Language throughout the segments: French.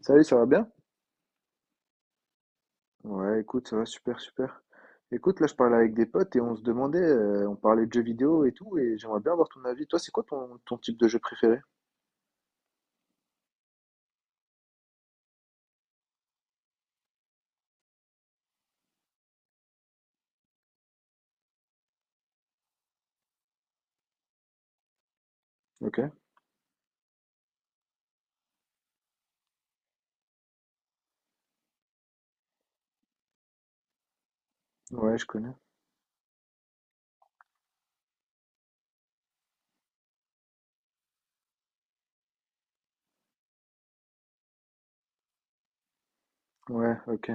Salut, ça va bien? Ouais, écoute, ça va super, super. Écoute, là, je parlais avec des potes et on se demandait, on parlait de jeux vidéo et tout, et j'aimerais bien avoir ton avis. Toi, c'est quoi ton type de jeu préféré? Ok, ouais, je connais. Ouais, ok.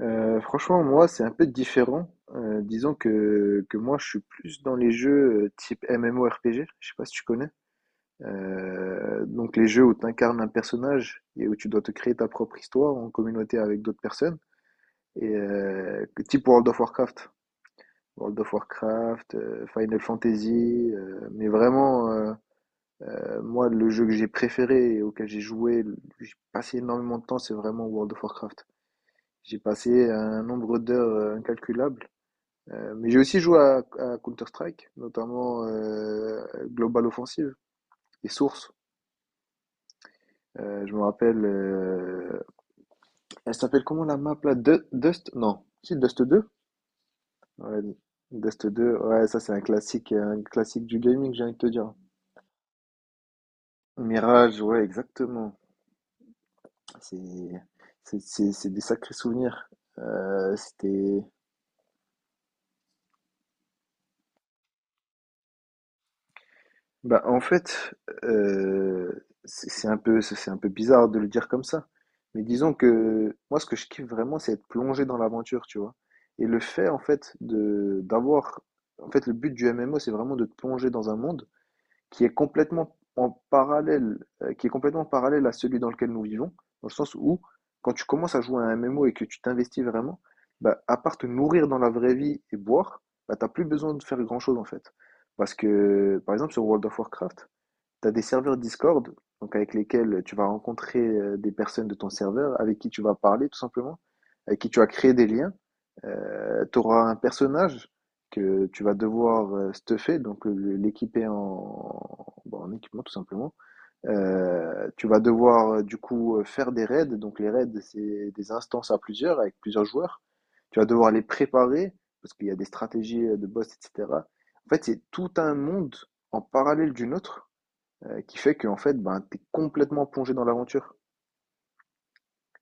Franchement, moi, c'est un peu différent. Disons que, moi, je suis plus dans les jeux type MMORPG, je sais pas si tu connais. Donc les jeux où tu incarnes un personnage et où tu dois te créer ta propre histoire en communauté avec d'autres personnes, et type World of Warcraft. World of Warcraft, Final Fantasy, mais vraiment, moi, le jeu que j'ai préféré et auquel j'ai joué, j'ai passé énormément de temps, c'est vraiment World of Warcraft. J'ai passé un nombre d'heures incalculable. Mais j'ai aussi joué à Counter-Strike, notamment Global Offensive et Source. Je me rappelle, elle s'appelle comment la map là? Dust? Non, si Dust 2? Ouais, Dust 2. Ouais, ça c'est un classique du gaming, j'ai envie de te dire. Mirage, ouais, exactement. C'est c'est des sacrés souvenirs. C'était Bah en fait, euh, c'est un peu bizarre de le dire comme ça. Mais disons que moi ce que je kiffe vraiment c'est être plongé dans l'aventure, tu vois. Et le fait en fait de d'avoir En fait le but du MMO c'est vraiment de te plonger dans un monde qui est complètement en parallèle, qui est complètement parallèle à celui dans lequel nous vivons, dans le sens où quand tu commences à jouer à un MMO et que tu t'investis vraiment, bah, à part te nourrir dans la vraie vie et boire, bah, t'as plus besoin de faire grand-chose en fait. Parce que, par exemple, sur World of Warcraft, tu as des serveurs Discord, donc avec lesquels tu vas rencontrer des personnes de ton serveur, avec qui tu vas parler tout simplement, avec qui tu vas créer des liens. Tu auras un personnage que tu vas devoir stuffer, donc l'équiper en, bon, en équipement tout simplement. Tu vas devoir du coup faire des raids, donc les raids c'est des instances à plusieurs, avec plusieurs joueurs. Tu vas devoir les préparer, parce qu'il y a des stratégies de boss, etc. En fait, c'est tout un monde en parallèle d'une autre qui fait que en fait, ben, t'es complètement plongé dans l'aventure.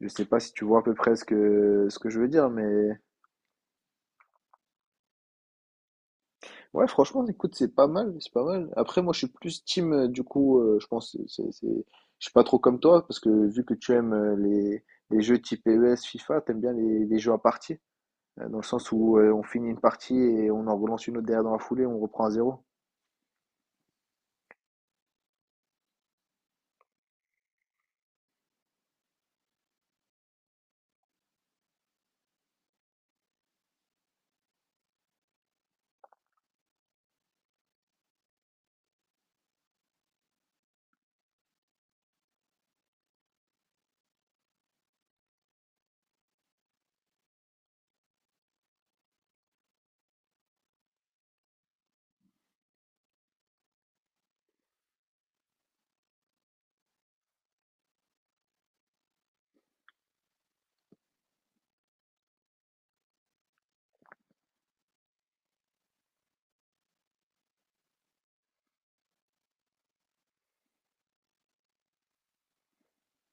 Je sais pas si tu vois à peu près ce que je veux dire, mais ouais, franchement, écoute, c'est pas mal, c'est pas mal. Après, moi, je suis plus team, du coup, je pense, je suis pas trop comme toi, parce que vu que tu aimes les jeux type PES, FIFA, t'aimes bien les jeux à partie, dans le sens où on finit une partie et on en relance une autre derrière dans la foulée, on reprend à zéro.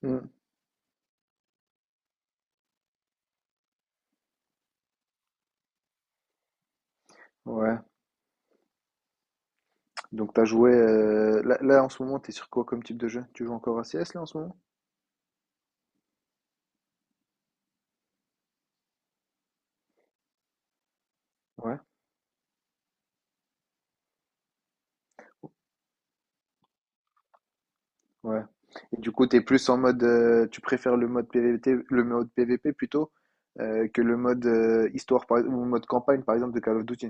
Hmm, ouais. Donc, t'as joué, là, en ce moment, t'es sur quoi comme type de jeu? Tu joues encore à CS là, en ce moment? Ouais. Et du coup, t'es plus en mode, tu préfères le mode PVT, le mode PVP plutôt que le mode histoire par, ou mode campagne par exemple de Call of Duty.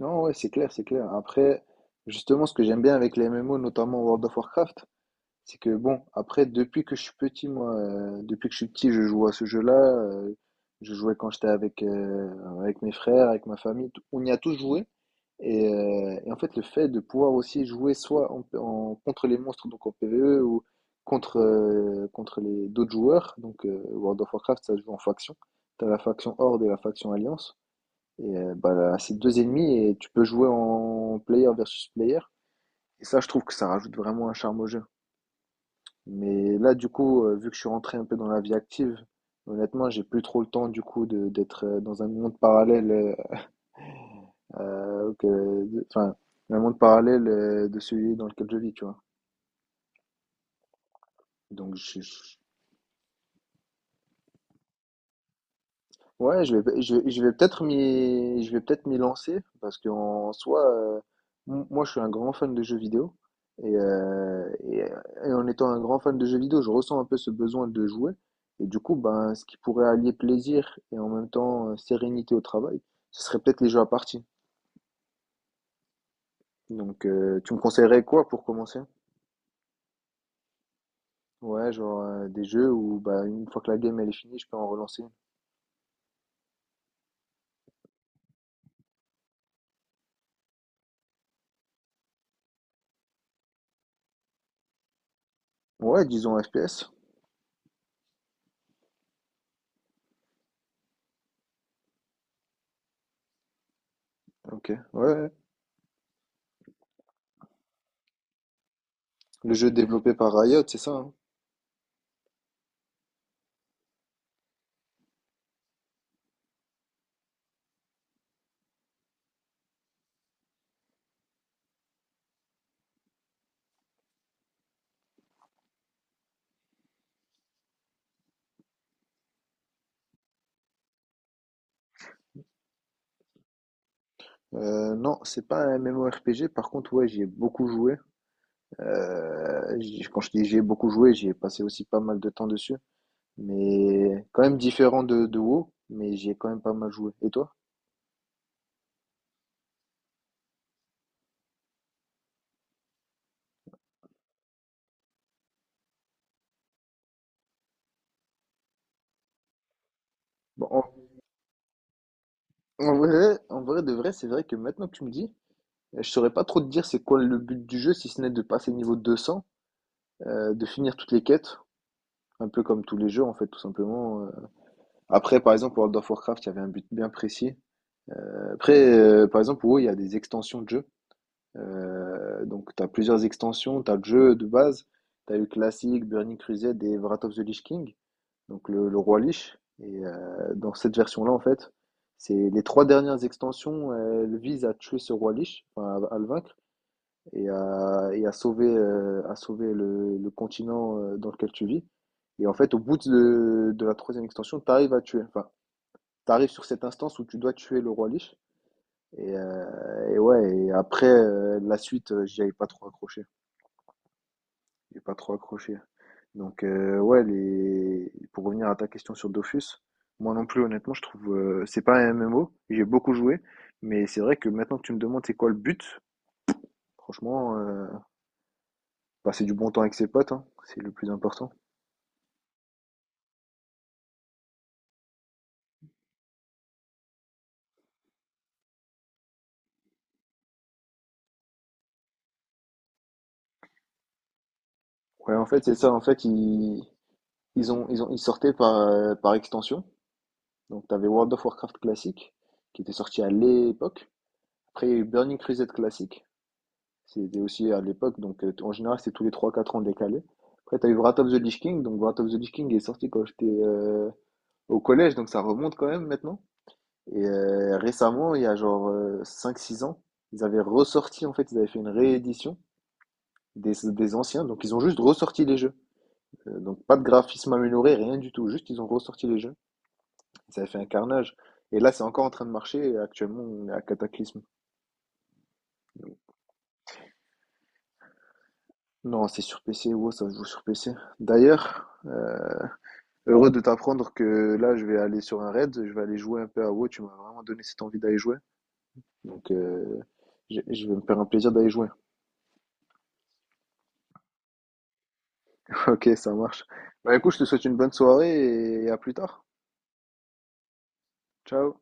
Non, ouais, c'est clair, c'est clair. Après, justement, ce que j'aime bien avec les MMO, notamment World of Warcraft, c'est que bon, après, depuis que je suis petit, moi, depuis que je suis petit, je joue à ce jeu-là. Je jouais quand j'étais avec mes frères, avec ma famille. On y a tous joué. Et en fait, le fait de pouvoir aussi jouer soit contre les monstres, donc en PvE, ou contre les d'autres joueurs, donc World of Warcraft, ça se joue en faction. Tu as la faction Horde et la faction Alliance. Et bah, là, c'est deux ennemis et tu peux jouer en player versus player. Et ça, je trouve que ça rajoute vraiment un charme au jeu. Mais là, du coup, vu que je suis rentré un peu dans la vie active, honnêtement, j'ai plus trop le temps, du coup, d'être dans un monde parallèle euh, que, enfin, de celui dans lequel je vis, tu vois. Donc, je, je- ouais, je vais peut-être m'y lancer parce qu'en soi, moi, je suis un grand fan de jeux vidéo et en étant un grand fan de jeux vidéo, je ressens un peu ce besoin de jouer et du coup, ben, ce qui pourrait allier plaisir et en même temps sérénité au travail, ce serait peut-être les jeux à partie. Donc, tu me conseillerais quoi pour commencer? Ouais, genre des jeux où bah, une fois que la game elle est finie, je peux en relancer une. Ouais, disons FPS. Ok, ouais. Ouais. Le jeu développé par Riot, c'est ça. Hein. Non, c'est pas un MMORPG. Par contre, ouais, j'y ai beaucoup joué. Quand je dis j'y ai beaucoup joué, j'y ai passé aussi pas mal de temps dessus. Mais quand même différent de WoW, mais j'y ai quand même pas mal joué. Et toi? Bon, en vrai, en vrai de vrai, c'est vrai que maintenant que tu me dis, je saurais pas trop te dire c'est quoi le but du jeu, si ce n'est de passer niveau 200, de finir toutes les quêtes. Un peu comme tous les jeux, en fait, tout simplement. Après, par exemple, World of Warcraft, il y avait un but bien précis. Après, par exemple, WoW, il y a des extensions de jeux. Donc, tu as plusieurs extensions. Tu as le jeu de base. Tu as eu Classic, Burning Crusade et Wrath of the Lich King, donc le Roi Lich. Et dans cette version-là, en fait, c'est les trois dernières extensions, elles visent à tuer ce Roi Lich, enfin, à le vaincre et à sauver le continent dans lequel tu vis. Et en fait, au bout de la troisième extension, tu arrives à tuer. Enfin, tu arrives sur cette instance où tu dois tuer le roi Lich. Et ouais, et après, la suite, j'y avais pas trop accroché. J'ai pas trop accroché. Donc, ouais, pour revenir à ta question sur Dofus, moi non plus, honnêtement, je trouve c'est pas un MMO. J'ai beaucoup joué, mais c'est vrai que maintenant que tu me demandes c'est quoi le but, franchement, passer du bon temps avec ses potes, hein, c'est le plus important. Ouais, en fait, c'est ça. En fait, ils sortaient par extension. Donc, tu avais World of Warcraft classique, qui était sorti à l'époque. Après, il y a eu Burning Crusade classique. C'était aussi à l'époque. Donc, en général, c'est tous les 3-4 ans décalé. Après, tu as eu Wrath of the Lich King. Donc, Wrath of the Lich King est sorti quand j'étais au collège. Donc, ça remonte quand même maintenant. Et récemment, il y a genre 5-6 ans, ils avaient ressorti, en fait, ils avaient fait une réédition des anciens. Donc, ils ont juste ressorti les jeux. Donc pas de graphisme amélioré, rien du tout. Juste, ils ont ressorti les jeux. Ça a fait un carnage. Et là, c'est encore en train de marcher. Et actuellement, on est à Cataclysme. Non, c'est sur PC. WoW, ça se joue sur PC. D'ailleurs, heureux de t'apprendre que là, je vais aller sur un raid. Je vais aller jouer un peu à WoW. Tu m'as vraiment donné cette envie d'aller jouer. Donc, je vais me faire un plaisir d'aller jouer. Ok, ça marche. Bah écoute, je te souhaite une bonne soirée et à plus tard. Ciao.